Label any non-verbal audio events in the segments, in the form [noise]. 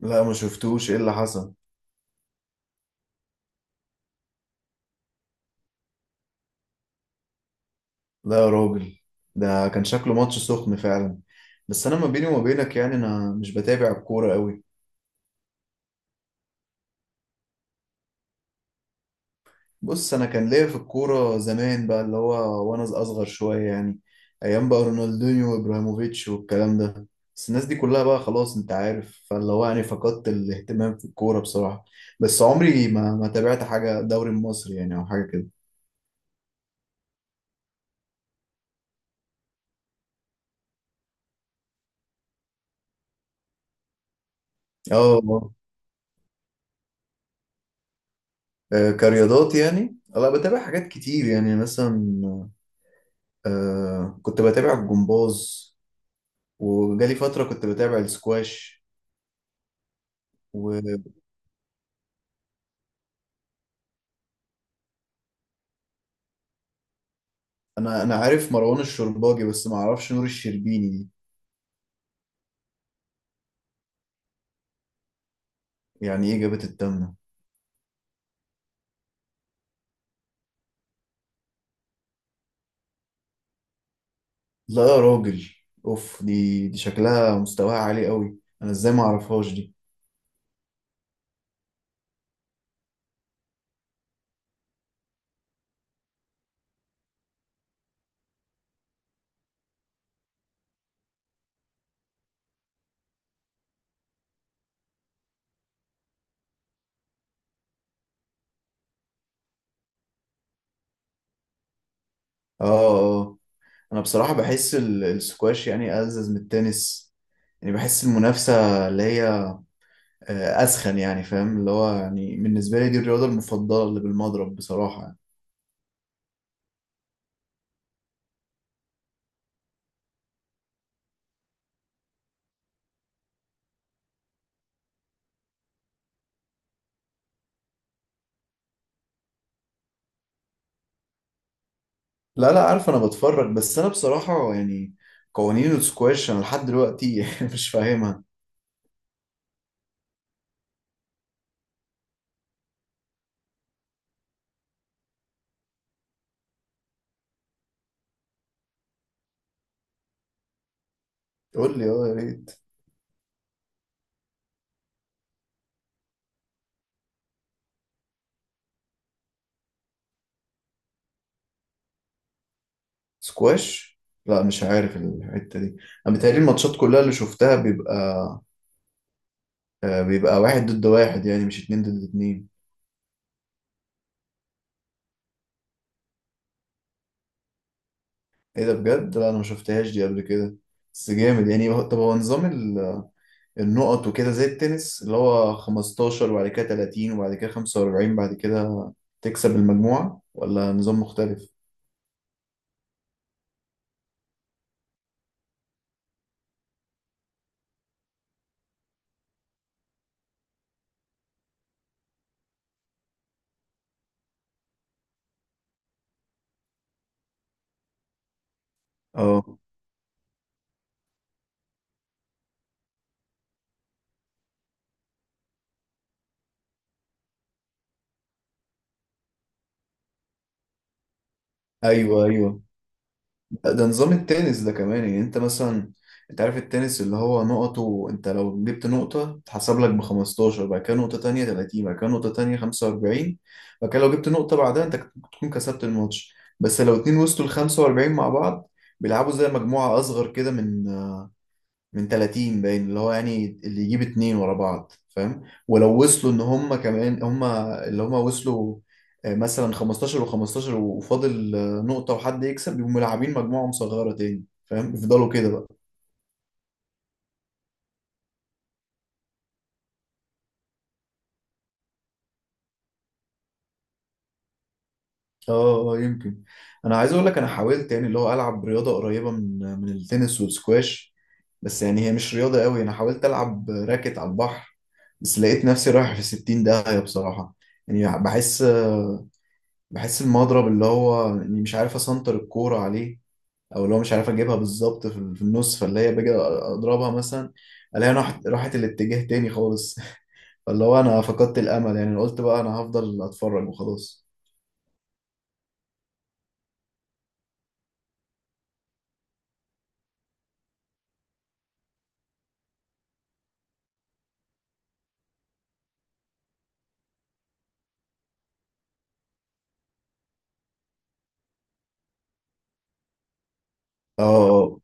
لا، ما شفتوش ايه اللي حصل. لا يا راجل، ده كان شكله ماتش سخن فعلا. بس انا ما بيني وما بينك، يعني انا مش بتابع الكوره قوي. بص، انا كان ليا في الكوره زمان بقى اللي هو وانا اصغر شويه يعني. ايام بقى رونالدينيو وابراهيموفيتش والكلام ده. بس الناس دي كلها بقى خلاص، انت عارف، فاللي هو يعني فقدت الاهتمام في الكوره بصراحه. بس عمري ما تابعت حاجه دوري مصري يعني، او حاجه كده. اه. كرياضات يعني، لا بتابع حاجات كتير يعني، مثلا كنت بتابع الجمباز، وجالي فترة كنت بتابع السكواش. وأنا أنا عارف مروان الشرباجي، بس ما أعرفش نور الشربيني دي. يعني إيه جابت التامنة؟ لا يا راجل، أوف، دي شكلها مستواها عالي قوي، أنا إزاي ما أعرفهاش دي؟ آه. أنا بصراحة بحس السكواش يعني ألذذ من التنس. يعني بحس المنافسة اللي هي أسخن يعني، فاهم اللي هو يعني، بالنسبة لي دي الرياضة المفضلة اللي بالمضرب بصراحة يعني. لا لا، عارف، انا بتفرج، بس انا بصراحة يعني قوانين السكواش انا لحد دلوقتي [laughs] مش فاهمها. قول لي، اه يا ريت. سكواش؟ لا مش عارف الحتة دي. انا بتهيألي الماتشات كلها اللي شفتها بيبقى بيبقى واحد ضد واحد، يعني مش اتنين ضد اتنين. ايه ده بجد؟ لا انا ما شفتهاش دي قبل كده. بس جامد يعني. طب هو نظام النقط وكده زي التنس اللي هو 15 وبعد كده 30 وبعد كده 45، بعد كده تكسب المجموعة ولا نظام مختلف؟ اه، ايوه ايوه، ده نظام التنس ده كمان يعني. انت مثلا، انت عارف التنس اللي هو نقطه، انت لو جبت نقطة تحسب لك ب 15، بعد كده نقطة تانية 30، بعد كده نقطة تانية 45، بعد كده لو جبت نقطة بعدها انت تكون كسبت الماتش. بس لو اتنين وصلوا ل 45 مع بعض بيلعبوا زي مجموعة أصغر كده، من 30 باين، اللي هو يعني اللي يجيب اتنين ورا بعض فاهم. ولو وصلوا ان هم كمان، هم اللي هم وصلوا مثلا 15 و15 وفاضل نقطة وحد يكسب، يبقوا ملاعبين مجموعة مصغرة تاني فاهم، يفضلوا كده بقى. اه يمكن. انا عايز اقول لك، انا حاولت يعني اللي هو العب رياضة قريبة من من التنس والسكواش، بس يعني هي مش رياضة قوي. انا حاولت العب راكت على البحر، بس لقيت نفسي رايح في 60 داهية بصراحة. يعني بحس بحس المضرب اللي هو اني مش عارف اسنطر الكورة عليه، او اللي هو مش عارف اجيبها بالظبط في في النص، فاللي هي باجي اضربها مثلا الاقيها راحت الاتجاه تاني خالص. [laughs] فاللي هو انا فقدت الامل، يعني قلت بقى انا هفضل اتفرج وخلاص. اه،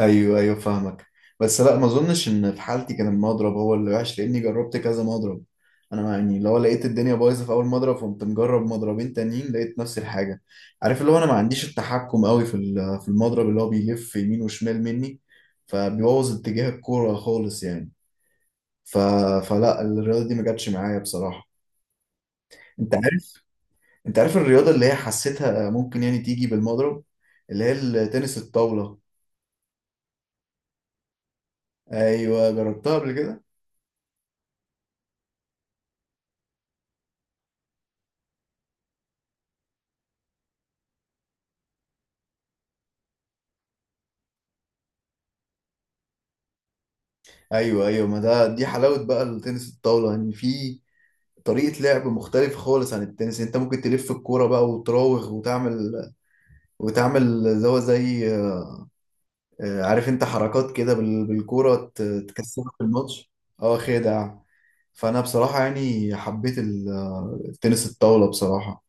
ايوه ايوه فاهمك. بس لا، ما اظنش ان في حالتي كان المضرب هو اللي وحش، لاني جربت كذا مضرب. انا يعني لو لقيت الدنيا بايظه في اول مضرب فقمت مجرب مضربين تانيين لقيت نفس الحاجه. عارف اللي هو انا ما عنديش التحكم قوي في في المضرب، اللي هو بيلف يمين وشمال مني، فبيبوظ اتجاه الكوره خالص يعني. ف... فلا، الرياضه دي ما جاتش معايا بصراحه. انت عارف انت عارف الرياضه اللي هي حسيتها ممكن يعني تيجي بالمضرب، اللي هي التنس الطاوله. ايوه جربتها قبل كده. ايوه ايوه، ما ده دي حلاوه بقى التنس الطاوله، ان يعني في طريقه لعب مختلفه خالص عن التنس. انت ممكن تلف الكوره بقى وتراوغ وتعمل اللي هو زي عارف انت، حركات كده بالكوره تكسبك في الماتش. اه خدع. فانا بصراحه يعني حبيت التنس الطاوله بصراحه.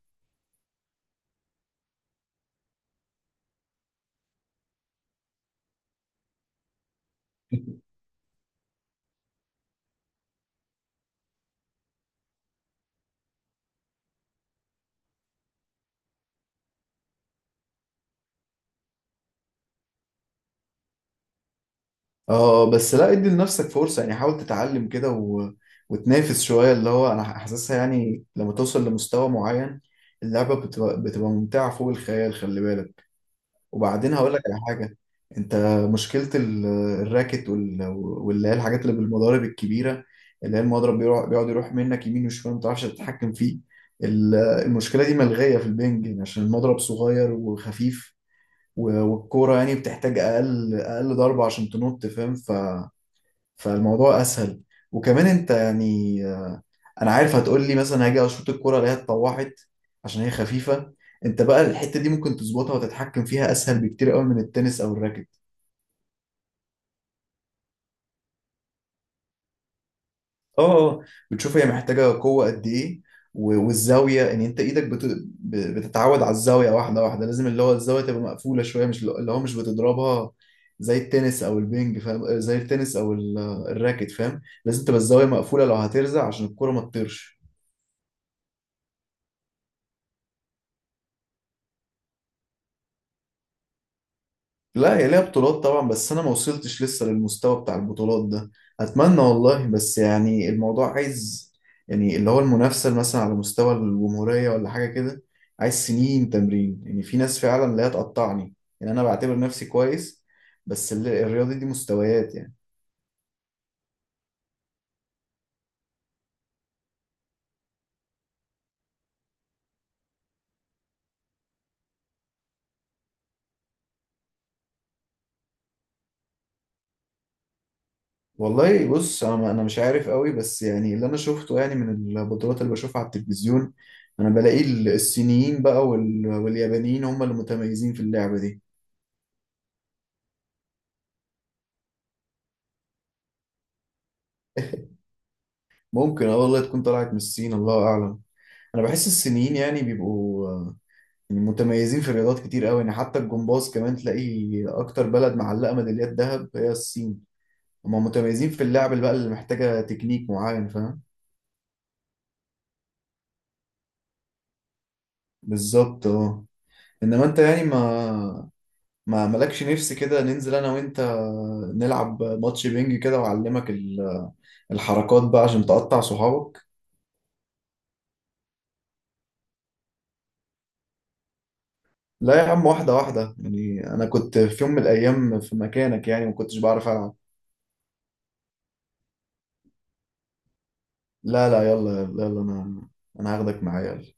اه بس لا، ادي لنفسك فرصة يعني، حاول تتعلم كده وتنافس شوية، اللي هو انا حاسسها يعني لما توصل لمستوى معين اللعبة بتبقى، بتبقى ممتعة فوق الخيال، خلي بالك. وبعدين هقول لك على حاجة. انت مشكلة الراكت واللي هي الحاجات اللي بالمضارب الكبيرة، اللي هي المضرب بيروح بيقعد يروح منك يمين وشمال، ما بتعرفش تتحكم فيه. المشكلة دي ملغية في البنج، يعني عشان المضرب صغير وخفيف، والكورة يعني بتحتاج أقل ضربة عشان تنط فاهم. فالموضوع اسهل. وكمان انت يعني، انا عارف هتقول لي مثلا هاجي اشوط الكرة الاقيها اتطوحت عشان هي خفيفة. انت بقى الحتة دي ممكن تظبطها وتتحكم فيها اسهل بكتير قوي من التنس او الراكت. اه. بتشوف هي محتاجة قوة قد ايه، والزاوية ان انت ايدك بتتعود على الزاوية، واحدة واحدة لازم، اللي هو الزاوية تبقى مقفولة شوية، مش اللي هو مش بتضربها زي التنس او البينج فاهم، زي التنس او الراكت فاهم، لازم تبقى الزاوية مقفولة لو هترزع عشان الكرة ما تطيرش. لا، هي ليها بطولات طبعا، بس انا ما وصلتش لسه للمستوى بتاع البطولات ده. اتمنى والله، بس يعني الموضوع عايز يعني، اللي هو المنافسه مثلا على مستوى الجمهوريه ولا حاجه كده عايز سنين تمرين. يعني في ناس فعلا لا تقطعني، يعني انا بعتبر نفسي كويس، بس الرياضه دي مستويات يعني. والله بص، انا مش عارف قوي، بس يعني اللي انا شفته يعني من البطولات اللي بشوفها على التلفزيون، انا بلاقي الصينيين بقى واليابانيين هم اللي متميزين في اللعبه دي. [laughs] ممكن، اه والله تكون طلعت من الصين، الله اعلم. انا بحس الصينيين يعني بيبقوا يعني متميزين في الرياضات كتير قوي يعني، حتى الجمباز كمان تلاقي اكتر بلد معلقه ميداليات ذهب هي الصين. هم متميزين في اللعب اللي بقى اللي محتاجه تكنيك معين فاهم. بالظبط اه. انما انت يعني، ما مالكش نفس كده ننزل انا وانت نلعب ماتش بينج كده، واعلمك الحركات بقى عشان تقطع صحابك. لا يا عم، واحده واحده يعني، انا كنت في يوم من الايام في مكانك يعني، ما كنتش بعرف العب. لا لا، يلا يلا يلا، انا هاخدك معايا، يلا.